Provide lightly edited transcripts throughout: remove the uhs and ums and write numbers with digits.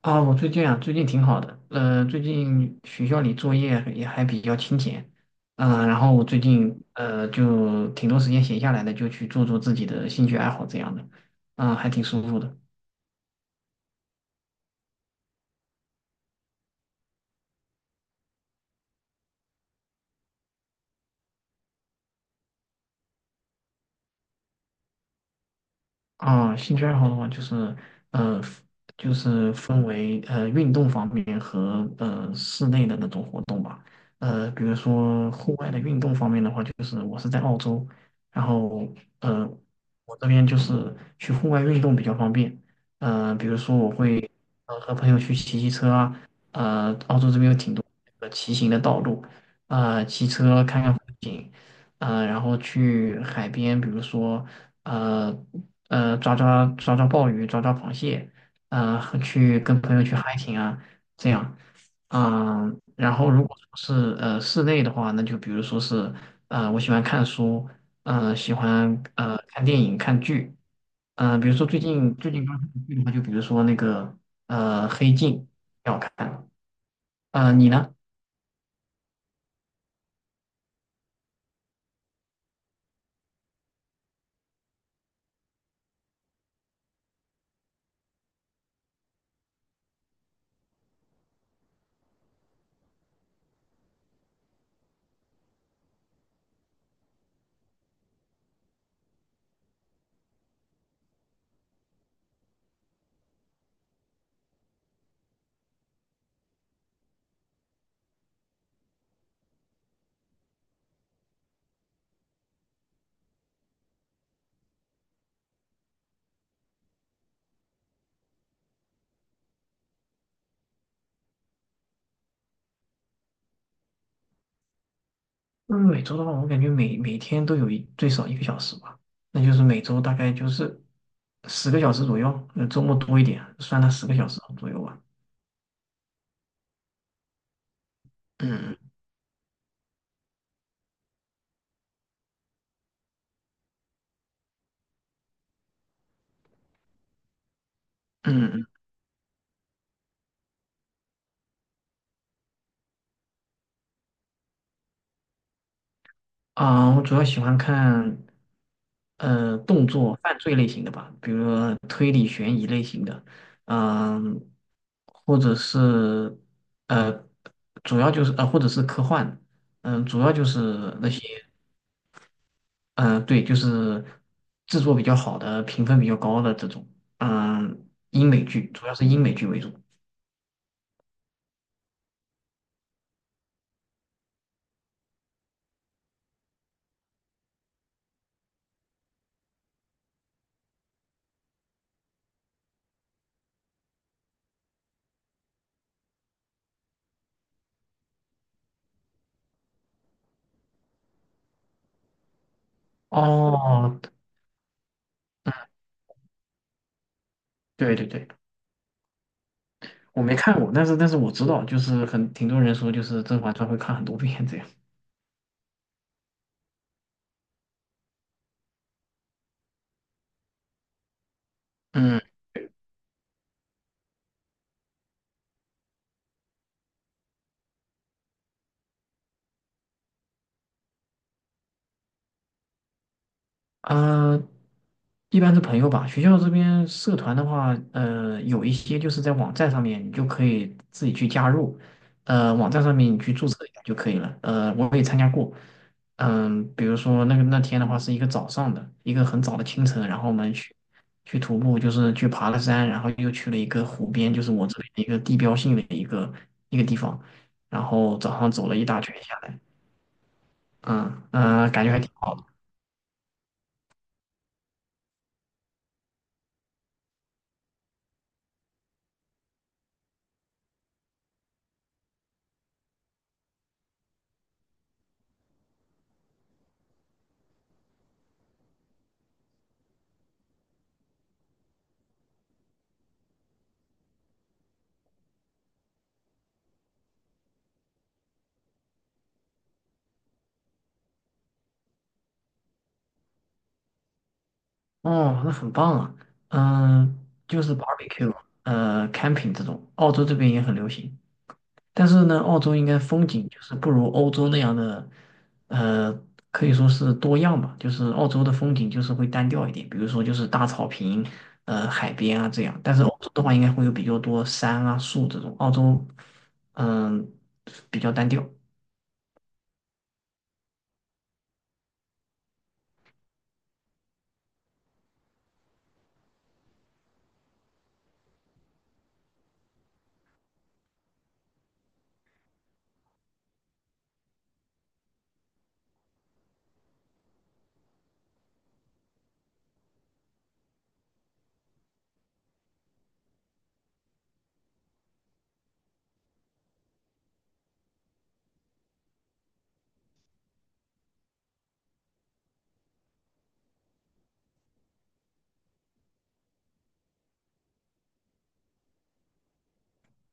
啊，我最近啊，最近挺好的。最近学校里作业也还比较清闲，然后我最近就挺多时间闲下来的，就去做做自己的兴趣爱好这样的，嗯、还挺舒服的。啊，兴趣爱好的话，呃，就是分为运动方面和室内的那种活动吧。比如说户外的运动方面的话，就是我是在澳洲，然后呃，我这边就是去户外运动比较方便。比如说我会和朋友去骑车啊，澳洲这边有挺多骑行的道路，骑车看看风景，然后去海边，比如说。呃抓鲍鱼、抓螃蟹，和去跟朋友去 hiking 啊，这样。嗯、然后如果说是室内的话，那就比如说是我喜欢看书，呃喜欢看电影、看剧。比如说最近刚看的剧的话，就比如说那个《黑镜》挺好看。你呢？嗯，每周的话，我感觉每天都有一最少一个小时吧，那就是每周大概就是十个小时左右，那周末多一点，算它十个小时左右吧。嗯嗯。啊，我主要喜欢看动作犯罪类型的吧，比如说推理悬疑类型的，嗯、或者是呃主要就是或者是科幻，嗯、主要就是那些。对，就是制作比较好的、评分比较高的这种，嗯，英美剧，主要是英美剧为主。哦，对对对，我没看过，但是我知道，就是很挺多人说，就是《甄嬛传》会看很多遍这样。嗯。呃，一般是朋友吧。学校这边社团的话，呃，有一些就是在网站上面，你就可以自己去加入。呃，网站上面你去注册一下就可以了。我也参加过。嗯、比如说那个那天的话是一个早上的，一个很早的清晨，然后我们去去徒步，就是去爬了山，然后又去了一个湖边，就是我这里的一个地标性的一个一个地方。然后早上走了一大圈下来，感觉还挺好的。哦，那很棒啊。嗯、就是 barbecue,camping 这种，澳洲这边也很流行。但是呢，澳洲应该风景就是不如欧洲那样的，呃，可以说是多样吧。就是澳洲的风景就是会单调一点，比如说就是大草坪，呃，海边啊这样。但是欧洲的话，应该会有比较多山啊、树这种。澳洲，嗯、比较单调。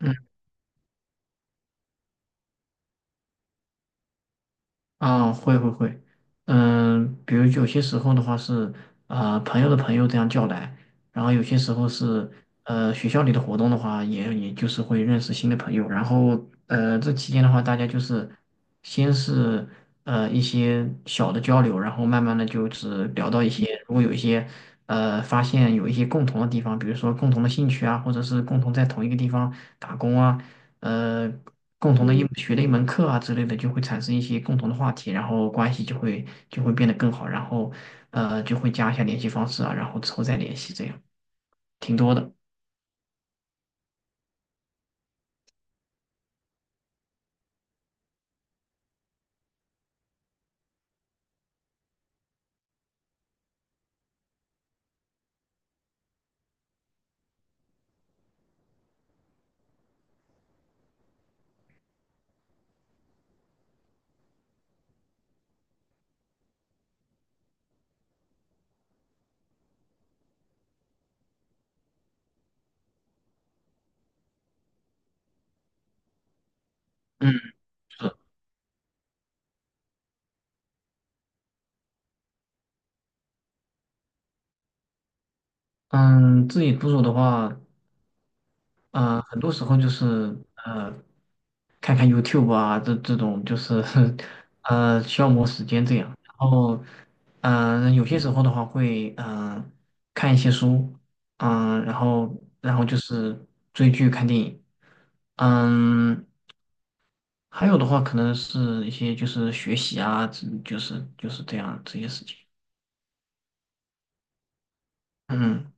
嗯。啊，会会会，嗯，比如有些时候的话是，朋友的朋友这样叫来，然后有些时候是，学校里的活动的话，也就是会认识新的朋友，然后，呃，这期间的话，大家就是先是一些小的交流，然后慢慢的就是聊到一些，如果有一些发现有一些共同的地方，比如说共同的兴趣啊，或者是共同在同一个地方打工啊，呃，共同的学的一门课啊之类的，就会产生一些共同的话题，然后关系就会变得更好，然后就会加一下联系方式啊，然后之后再联系，这样挺多的。嗯，是。嗯，自己独处的话，呃，很多时候就是呃，看看 YouTube 啊，这这种就是 消磨时间这样。然后嗯、有些时候的话会看一些书，嗯、然后就是追剧、看电影。嗯，还有的话可能是一些就是学习啊，这就是这样这些事情。嗯。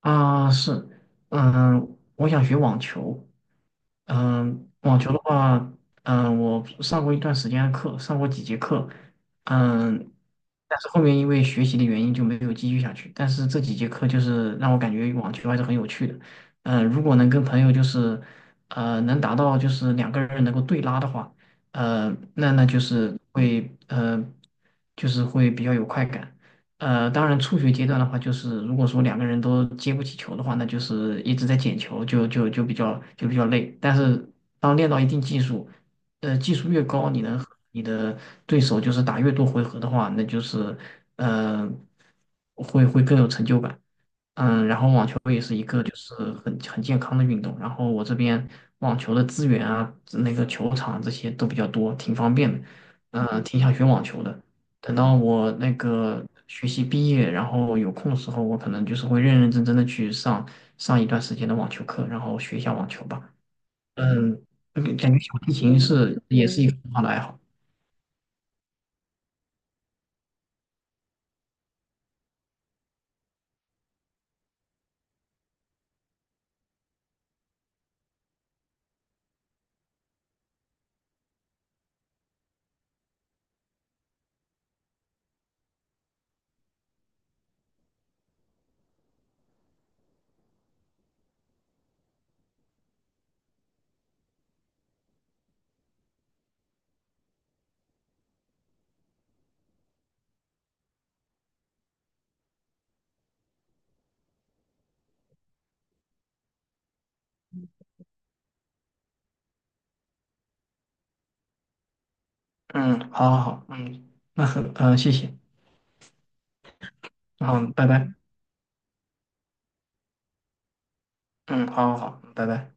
啊、是，嗯、我想学网球。嗯，网球的话，嗯，我上过一段时间的课，上过几节课。嗯，但是后面因为学习的原因就没有继续下去。但是这几节课就是让我感觉网球还是很有趣的。嗯，如果能跟朋友就是，能达到就是两个人能够对拉的话，呃，那那就是会呃，就是会比较有快感。当然，初学阶段的话，就是如果说两个人都接不起球的话，那就是一直在捡球，就比较累。但是当练到一定技术，呃，技术越高，你能和你的对手就是打越多回合的话，那就是呃，会更有成就感。嗯，然后网球也是一个就是很健康的运动。然后我这边网球的资源啊，那个球场这些都比较多，挺方便的。嗯、挺想学网球的。等到我那个学习毕业，然后有空的时候，我可能就是会认认真真的去上上一段时间的网球课，然后学一下网球吧。嗯，就感觉小提琴也是一个很好的爱好。嗯，好好好，嗯，那很，嗯、谢谢，然后拜拜。嗯，好好好，拜拜。